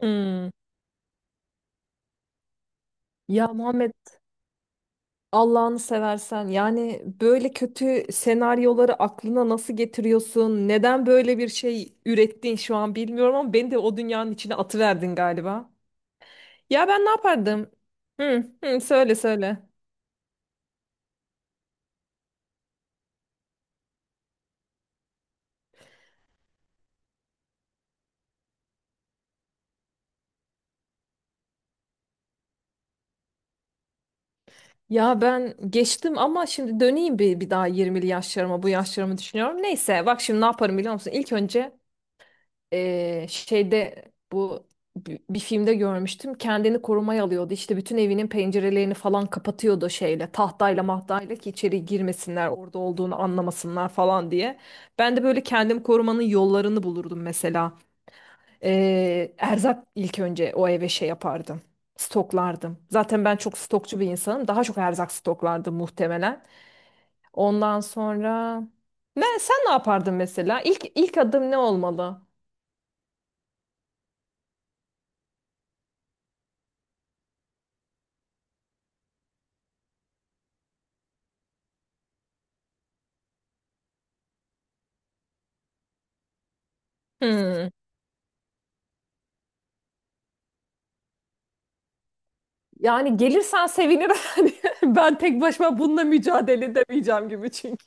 Hmm. Ya Muhammed Allah'ını seversen yani böyle kötü senaryoları aklına nasıl getiriyorsun? Neden böyle bir şey ürettin şu an bilmiyorum ama beni de o dünyanın içine atıverdin galiba. Ya ben ne yapardım? Hı, hı, söyle söyle. Ya ben geçtim ama şimdi döneyim bir daha 20'li yaşlarıma bu yaşlarımı düşünüyorum. Neyse bak şimdi ne yaparım biliyor musun? İlk önce şeyde bu bir filmde görmüştüm. Kendini korumaya alıyordu. İşte bütün evinin pencerelerini falan kapatıyordu şeyle, tahtayla mahtayla ki içeri girmesinler, orada olduğunu anlamasınlar falan diye. Ben de böyle kendimi korumanın yollarını bulurdum mesela. Erzak ilk önce o eve şey yapardım. Stoklardım. Zaten ben çok stokçu bir insanım. Daha çok erzak stoklardım muhtemelen. Ondan sonra ne sen ne yapardın mesela? İlk adım ne olmalı? Hmm. Yani gelirsen sevinirim. Hani ben tek başıma bununla mücadele edemeyeceğim gibi çünkü.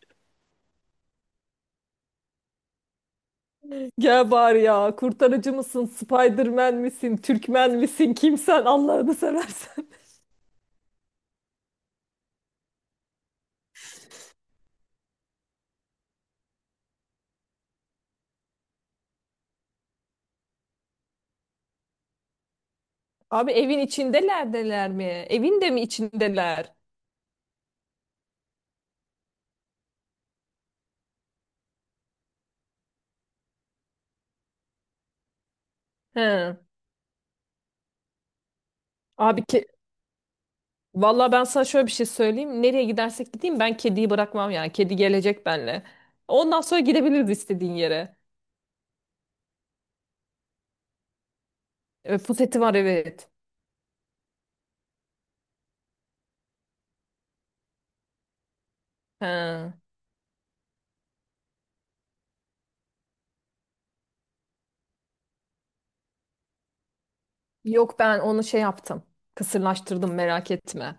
Gel bari ya. Kurtarıcı mısın? Spiderman misin? Türkmen misin? Kimsen Allah'ını seversen. Abi evin içindelerdeler mi? Evin de mi içindeler? He. Abi ki Vallahi ben sana şöyle bir şey söyleyeyim. Nereye gidersek gideyim ben kediyi bırakmam yani. Kedi gelecek benimle. Ondan sonra gidebiliriz istediğin yere. Puseti var evet. He. Yok ben onu şey yaptım. Kısırlaştırdım merak etme.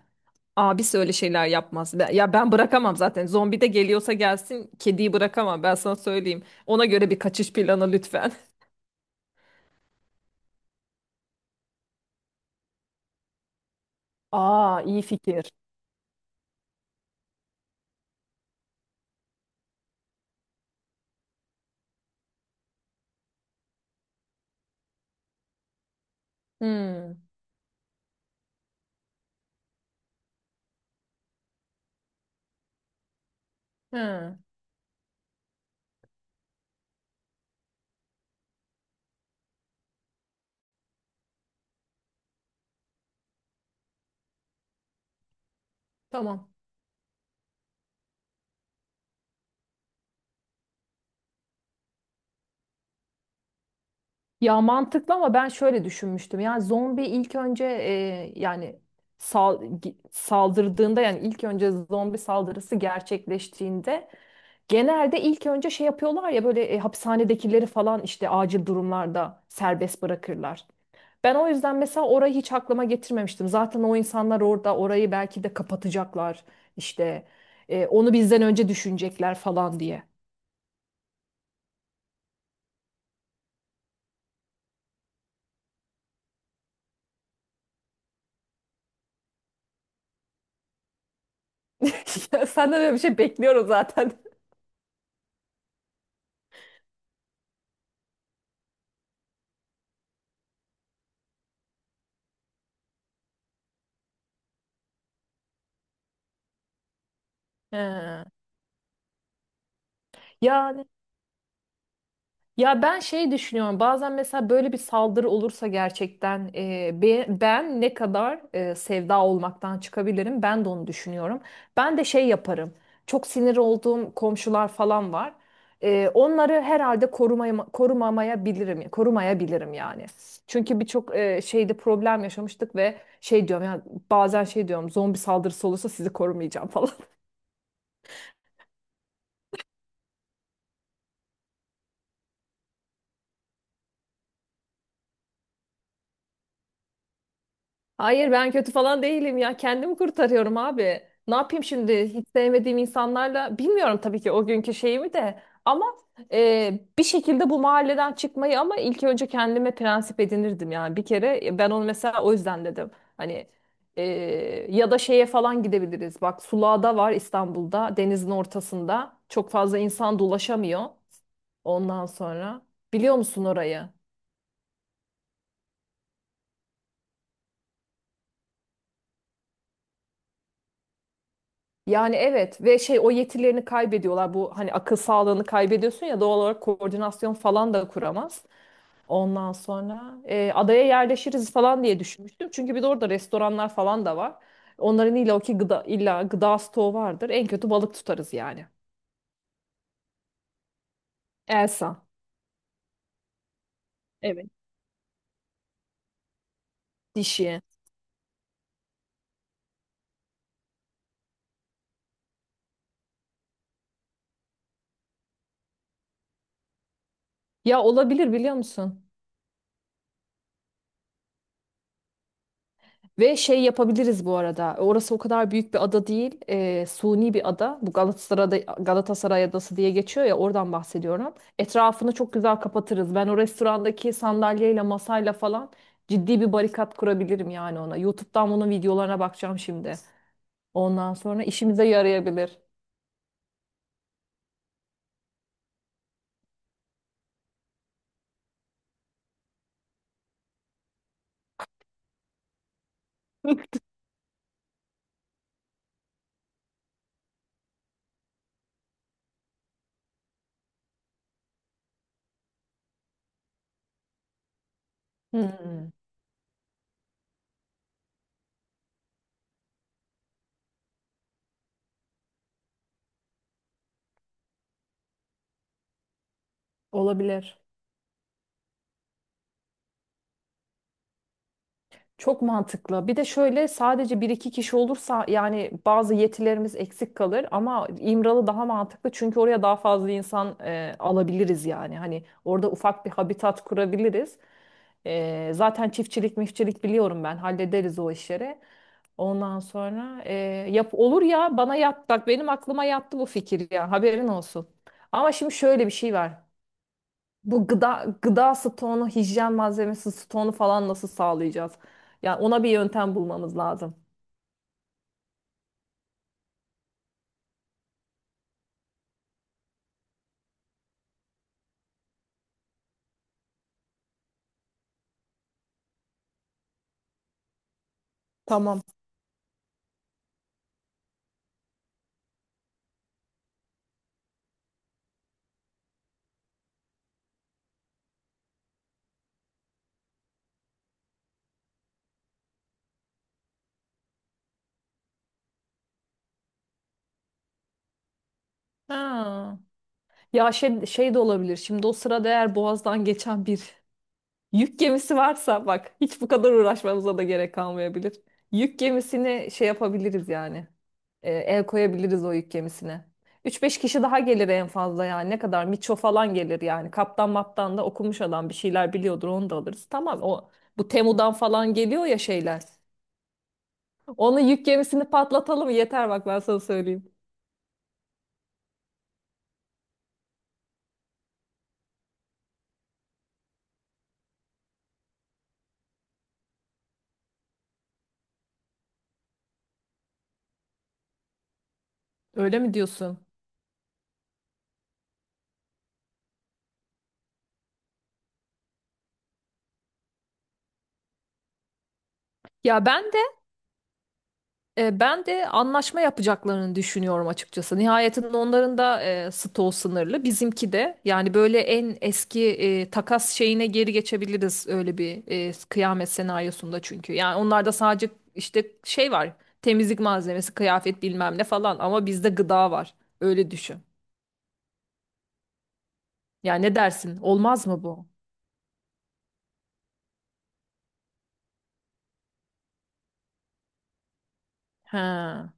Abisi öyle şeyler yapmaz. Ya ben bırakamam zaten. Zombi de geliyorsa gelsin kediyi bırakamam ben sana söyleyeyim. Ona göre bir kaçış planı lütfen. Aa iyi fikir. Hmm. Hı, tamam. Ya mantıklı ama ben şöyle düşünmüştüm. Yani zombi ilk önce yani saldırdığında yani ilk önce zombi saldırısı gerçekleştiğinde genelde ilk önce şey yapıyorlar ya böyle hapishanedekileri falan işte acil durumlarda serbest bırakırlar. Ben o yüzden mesela orayı hiç aklıma getirmemiştim. Zaten o insanlar orada orayı belki de kapatacaklar işte onu bizden önce düşünecekler falan diye. Ya senden öyle bir şey bekliyorum zaten. He. Ya Ya ben şey düşünüyorum bazen mesela böyle bir saldırı olursa gerçekten ben ne kadar sevda olmaktan çıkabilirim ben de onu düşünüyorum. Ben de şey yaparım çok sinir olduğum komşular falan var. Onları herhalde korumaya, korumamayabilirim, korumayabilirim yani. Çünkü birçok şeyde problem yaşamıştık ve şey diyorum ya bazen şey diyorum zombi saldırısı olursa sizi korumayacağım falan. Hayır ben kötü falan değilim ya. Kendimi kurtarıyorum abi. Ne yapayım şimdi hiç sevmediğim insanlarla? Bilmiyorum tabii ki o günkü şeyimi de. Ama bir şekilde bu mahalleden çıkmayı ama ilk önce kendime prensip edinirdim yani. Bir kere ben onu mesela o yüzden dedim. Hani e, ya da şeye falan gidebiliriz. Bak Sulağ'da var İstanbul'da denizin ortasında. Çok fazla insan dolaşamıyor. Ondan sonra biliyor musun orayı? Yani evet ve şey o yetilerini kaybediyorlar. Bu hani akıl sağlığını kaybediyorsun ya doğal olarak koordinasyon falan da kuramaz. Ondan sonra adaya yerleşiriz falan diye düşünmüştüm. Çünkü bir de orada restoranlar falan da var. Onların illa ki gıda, illa gıda stoğu vardır. En kötü balık tutarız yani. Elsa. Evet. Dişi. Ya olabilir biliyor musun? Ve şey yapabiliriz bu arada. Orası o kadar büyük bir ada değil. Suni bir ada. Bu Galatasaray'da, Galatasaray Adası diye geçiyor ya oradan bahsediyorum. Etrafını çok güzel kapatırız. Ben o restorandaki sandalyeyle masayla falan ciddi bir barikat kurabilirim yani ona. YouTube'dan bunun videolarına bakacağım şimdi. Ondan sonra işimize yarayabilir. Hmm, olabilir. Çok mantıklı. Bir de şöyle sadece bir iki kişi olursa yani bazı yetilerimiz eksik kalır ama İmralı daha mantıklı çünkü oraya daha fazla insan alabiliriz yani. Hani orada ufak bir habitat kurabiliriz. Zaten çiftçilik mifçilik biliyorum ben hallederiz o işleri. Ondan sonra yap olur ya bana yat bak benim aklıma yattı bu fikir ya haberin olsun. Ama şimdi şöyle bir şey var. Bu gıda stoğunu, hijyen malzemesi stoğunu falan nasıl sağlayacağız? Yani ona bir yöntem bulmamız lazım. Tamam. Ha. Ya şey de olabilir. Şimdi o sırada eğer Boğaz'dan geçen bir yük gemisi varsa bak hiç bu kadar uğraşmamıza da gerek kalmayabilir. Yük gemisini şey yapabiliriz yani. El koyabiliriz o yük gemisine. Üç beş kişi daha gelir en fazla yani. Ne kadar? Miço falan gelir yani. Kaptan maptan da okumuş adam bir şeyler biliyordur onu da alırız. Tamam o bu Temu'dan falan geliyor ya şeyler. Onu yük gemisini patlatalım yeter bak ben sana söyleyeyim. Öyle mi diyorsun? Ya ben de anlaşma yapacaklarını düşünüyorum açıkçası. Nihayetinde onların da stoğu sınırlı. Bizimki de yani böyle en eski takas şeyine geri geçebiliriz öyle bir kıyamet senaryosunda çünkü. Yani onlarda sadece işte şey var temizlik malzemesi, kıyafet bilmem ne falan ama bizde gıda var. Öyle düşün. Yani ne dersin? Olmaz mı bu? He,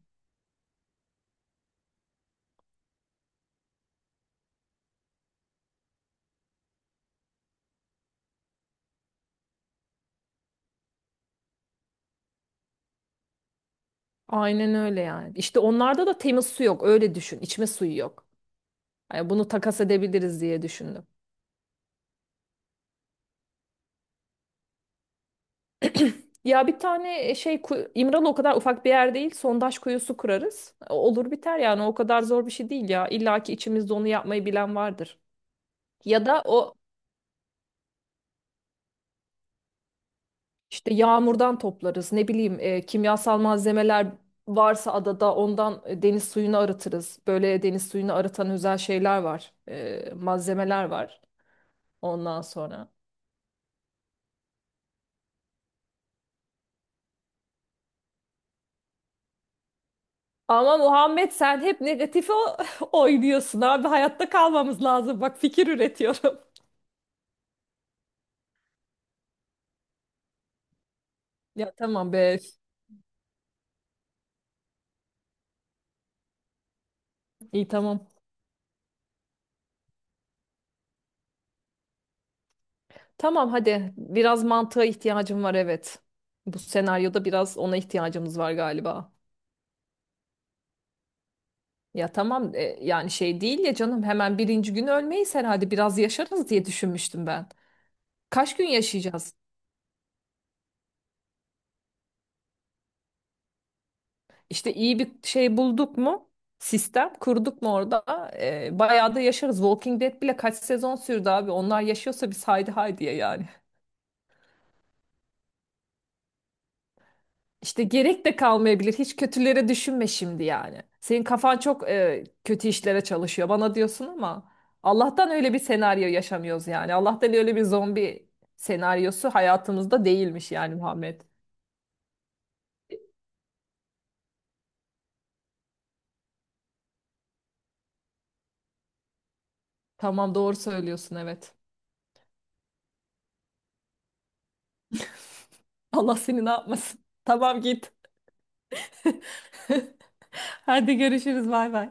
aynen öyle yani. İşte onlarda da temiz su yok öyle düşün. İçme suyu yok. Yani bunu takas edebiliriz diye düşündüm. Ya bir tane İmralı o kadar ufak bir yer değil. Sondaj kuyusu kurarız. Olur biter yani o kadar zor bir şey değil ya. İlla ki içimizde onu yapmayı bilen vardır. Ya da o işte yağmurdan toplarız. Ne bileyim kimyasal malzemeler varsa adada ondan deniz suyunu arıtırız. Böyle deniz suyunu arıtan özel şeyler var. Malzemeler var ondan sonra. Ama Muhammed sen hep negatife oynuyorsun abi. Hayatta kalmamız lazım. Bak fikir üretiyorum. Ya tamam be. İyi tamam. Tamam hadi. Biraz mantığa ihtiyacım var evet. Bu senaryoda biraz ona ihtiyacımız var galiba. Ya tamam yani şey değil ya canım hemen birinci gün ölmeyiz herhalde biraz yaşarız diye düşünmüştüm ben. Kaç gün yaşayacağız? İşte iyi bir şey bulduk mu? Sistem kurduk mu orada? Bayağı da yaşarız. Walking Dead bile kaç sezon sürdü abi. Onlar yaşıyorsa biz haydi haydiye yani. İşte gerek de kalmayabilir. Hiç kötülere düşünme şimdi yani. Senin kafan çok kötü işlere çalışıyor bana diyorsun ama Allah'tan öyle bir senaryo yaşamıyoruz yani. Allah'tan öyle bir zombi senaryosu hayatımızda değilmiş yani Muhammed. Tamam doğru söylüyorsun evet. Allah seni ne yapmasın. Tamam git. Hadi görüşürüz bay bay.